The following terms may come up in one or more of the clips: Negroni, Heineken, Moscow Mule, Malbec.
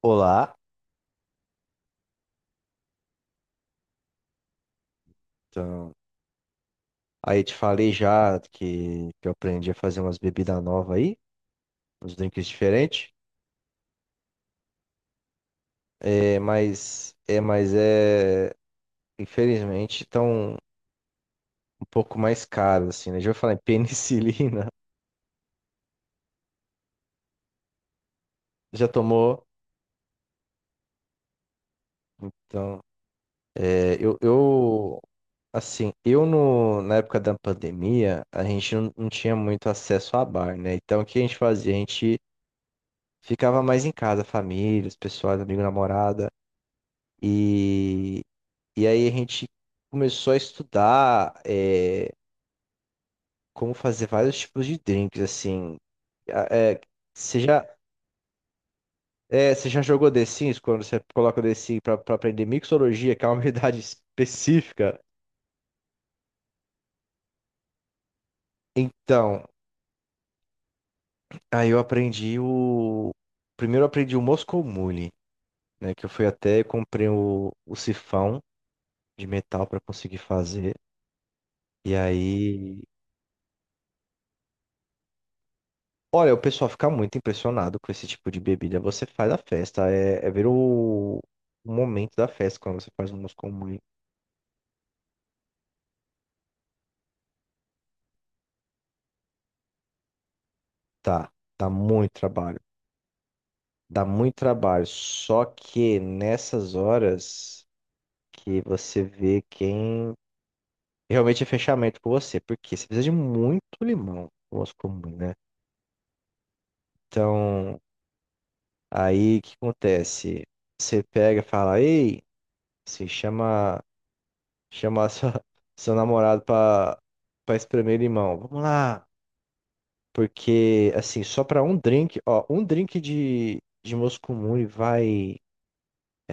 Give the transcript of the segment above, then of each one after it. Olá, então, aí te falei já que eu aprendi a fazer umas bebidas novas aí, uns drinks diferentes, é, mas é, mas é, infelizmente, estão um pouco mais caros, assim, né? Já vou falar em penicilina, já tomou? Então, é, eu, eu, assim, eu no, na época da pandemia, a gente não tinha muito acesso a bar, né? Então, o que a gente fazia? A gente ficava mais em casa, família, os pessoal, amigo, namorada. E E aí a gente começou a estudar como fazer vários tipos de drinks, assim. A- É, você já, Você já jogou The Sims quando você coloca o The Sims pra aprender mixologia, que é uma habilidade específica? Então, aí eu aprendi o... primeiro eu aprendi o Moscow Mule, né? Que eu fui até, e comprei o sifão de metal pra conseguir fazer. E aí... Olha, o pessoal fica muito impressionado com esse tipo de bebida. Você faz a festa, ver o momento da festa quando você faz um moscou muito. Tá, dá muito trabalho. Dá muito trabalho. Só que nessas horas que você vê quem realmente é fechamento com você, porque você precisa de muito limão, o moscou muito, né? Então, aí o que acontece? Você pega e fala, ei, se chama. Chamar seu namorado pra espremer limão. Vamos lá. Porque, assim, só pra um drink, ó, um drink de Moscumune vai,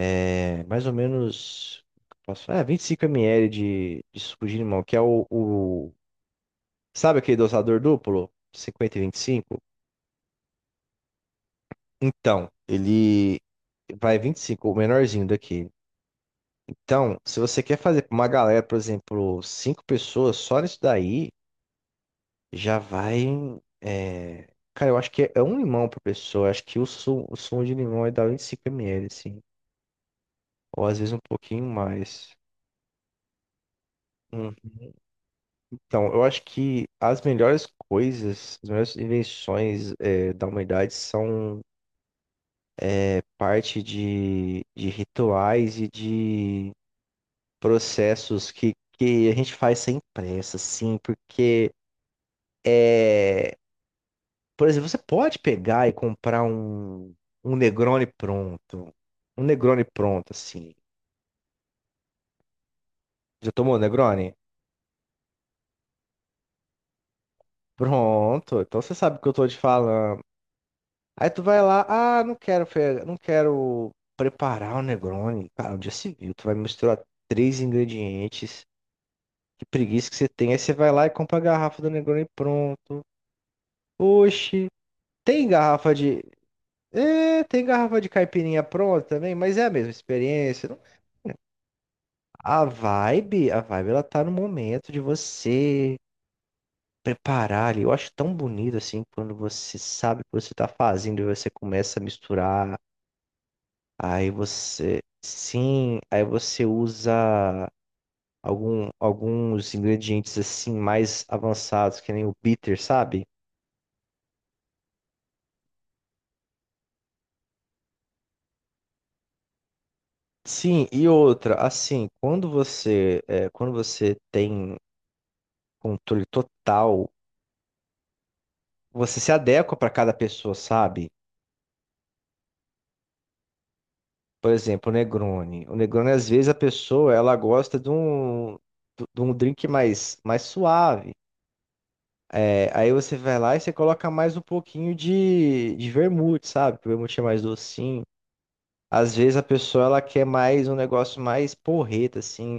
mais ou menos, posso falar, 25 ml de suco de limão, que é o, sabe aquele dosador duplo? 50 e 25. Então, ele vai 25 o menorzinho daqui. Então, se você quer fazer pra uma galera, por exemplo, cinco pessoas, só nisso daí, já vai. é, Cara, eu acho que é um limão por pessoa. Acho que o sumo de limão é da dá 5 ml, assim. Ou às vezes um pouquinho mais. Uhum. Então, eu acho que as melhores coisas, as melhores invenções, da humanidade, são parte de rituais e de processos que a gente faz sem pressa, assim, é por exemplo, você pode pegar e comprar um Negroni pronto. Um Negroni pronto, assim. Já tomou Negroni? Pronto. Então você sabe o que eu tô te falando. Aí tu vai lá, ah, não quero preparar o Negroni. Cara, onde já se viu? Tu vai misturar três ingredientes. Que preguiça que você tem. Aí você vai lá e compra a garrafa do Negroni pronto. Oxi, tem garrafa de. É, tem garrafa de caipirinha pronta também, mas é a mesma experiência. A vibe, ela tá no momento de você preparar ali. Eu acho tão bonito assim quando você sabe o que você tá fazendo e você começa a misturar. Aí você, sim, aí você usa alguns ingredientes assim mais avançados, que nem o bitter, sabe? Sim, e outra, assim, quando você tem controle total, você se adequa para cada pessoa, sabe? Por exemplo, o Negroni. O Negroni, às vezes, a pessoa ela gosta de um drink mais suave. É, aí você vai lá e você coloca mais um pouquinho de vermute, sabe? Que o vermute é mais docinho. Às vezes a pessoa ela quer mais um negócio mais porreta, assim.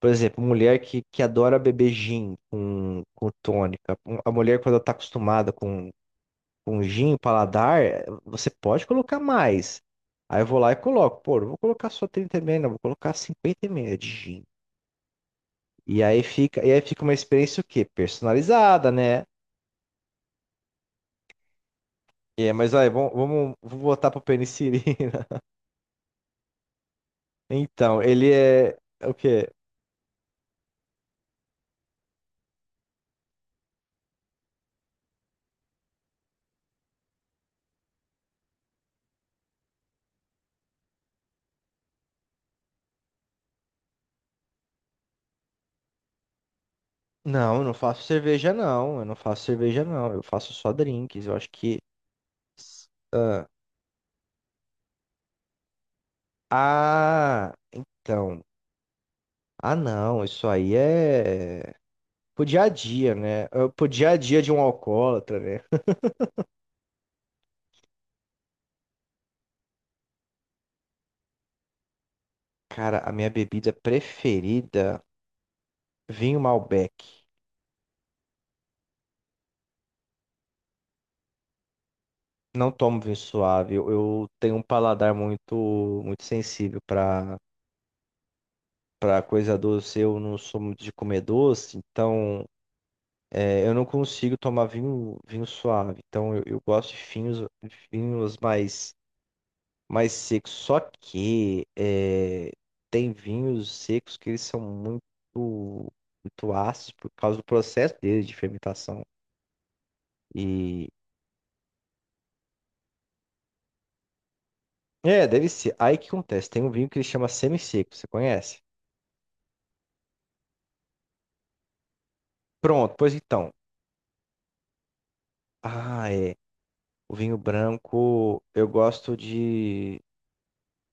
Por exemplo, mulher que adora beber gin com tônica. A mulher, quando ela tá acostumada com gin, paladar, você pode colocar mais. Aí eu vou lá e coloco, pô, não vou colocar só 30 ml, não, vou colocar 50 ml de gin. E aí fica uma experiência o quê? Personalizada, né? É, mas aí, vou voltar pro penicilina. Então, ele é o quê? Não, eu não faço cerveja, não. Eu não faço cerveja, não. Eu faço só drinks. Eu acho que. Ah, ah, então. Ah, não. Isso aí é. Pro dia a dia, né? Pro dia a dia de um alcoólatra, né? Cara, a minha bebida preferida, vinho Malbec. Não tomo vinho suave. Eu tenho um paladar muito, muito sensível para coisa doce. Eu não sou muito de comer doce, então eu não consigo tomar vinho suave. Então eu gosto de vinhos mais seco. Só que tem vinhos secos que eles são muito, muito ácidos por causa do processo deles de fermentação. E é, deve ser. Aí o que acontece? Tem um vinho que ele chama semi-seco, você conhece? Pronto, pois então. Ah, é. O vinho branco, eu gosto de.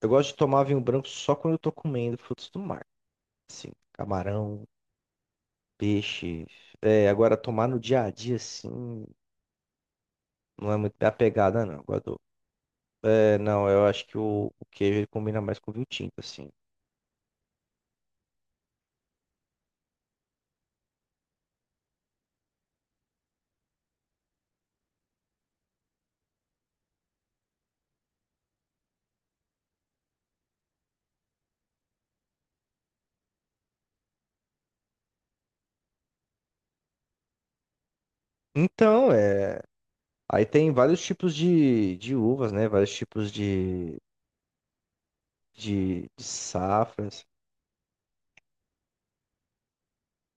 Eu gosto de tomar vinho branco só quando eu tô comendo frutos do mar. Assim, camarão, peixe. É, agora tomar no dia a dia, assim, não é muito minha pegada, não. Agora, não, eu acho que o queijo ele combina mais com o vinho tinto, assim. Então, é. Aí tem vários tipos de uvas, né? Vários tipos de safras.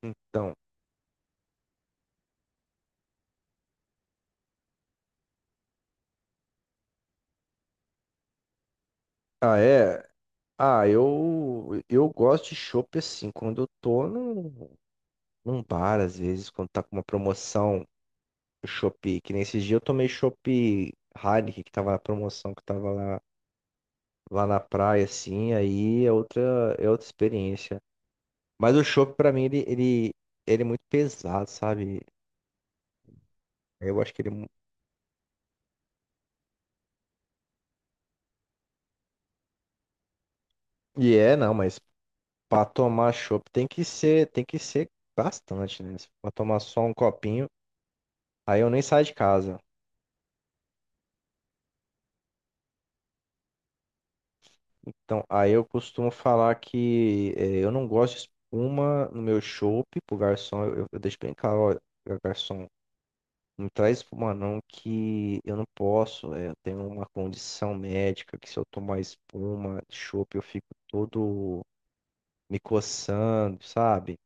Então, ah, é. Ah, eu gosto de chopp assim, quando eu tô num bar, às vezes, quando tá com uma promoção, chopp, que nesse dia eu tomei chopp Heineken, que tava na promoção, que tava lá na praia, assim, é outra experiência. Mas o chopp, pra mim, ele é muito pesado, sabe? Eu acho que ele. E é, não, mas pra tomar chopp tem que ser bastante, né? Se for tomar só um copinho, aí eu nem saio de casa. Então, aí eu costumo falar que eu não gosto de espuma no meu chopp, pro garçom, eu deixo bem claro, olha, garçom, não traz espuma não, que eu não posso, eu tenho uma condição médica que se eu tomar espuma de chopp, eu fico todo, me coçando, sabe?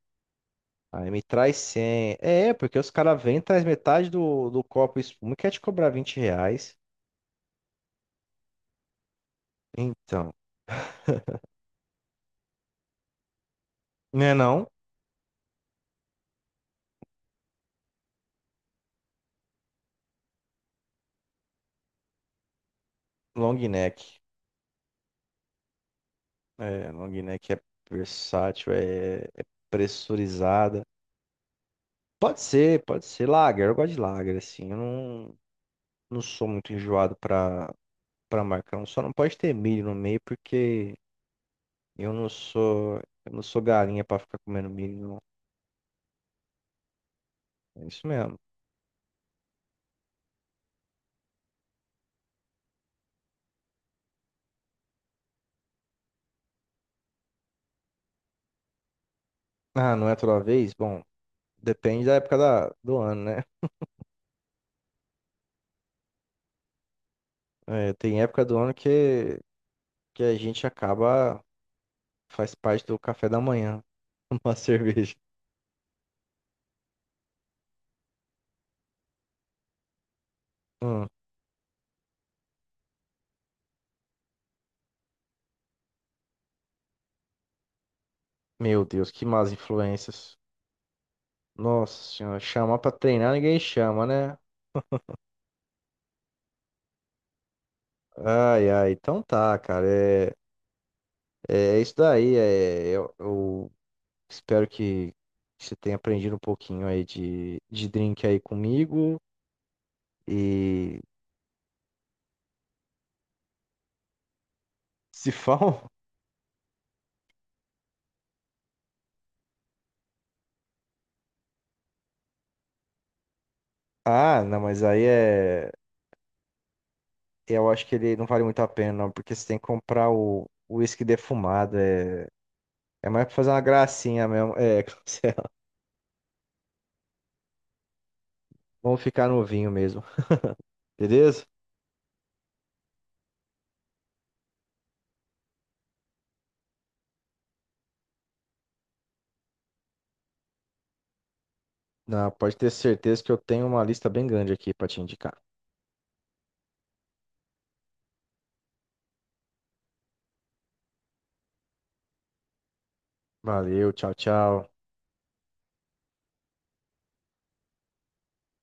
Aí me traz 100. É, porque os caras vêm, traz metade do copo espuma e quer te cobrar R$ 20. Então, né não? Long neck. É, long neck é versátil, pressurizada. Pode ser, pode ser. Lager, eu gosto de lager, assim. Eu não sou muito enjoado pra marcão. Só não pode ter milho no meio, porque eu não sou galinha pra ficar comendo milho, não. É isso mesmo. Ah, não é toda vez? Bom, depende da, época do ano, né? É, tem época do ano que a gente acaba, faz parte do café da manhã, uma cerveja. Hum, meu Deus, que más influências. Nossa senhora, chamar pra treinar ninguém chama, né? Ai, ai, então tá, cara. É isso daí. Eu espero que você tenha aprendido um pouquinho aí de drink aí comigo. E se for. Ah, não, mas aí é. Eu acho que ele não vale muito a pena, não, porque você tem que comprar o uísque defumado. É, é mais pra fazer uma gracinha mesmo. É, cancela. Vamos ficar no vinho mesmo, beleza? Não, pode ter certeza que eu tenho uma lista bem grande aqui pra te indicar. Valeu, tchau, tchau.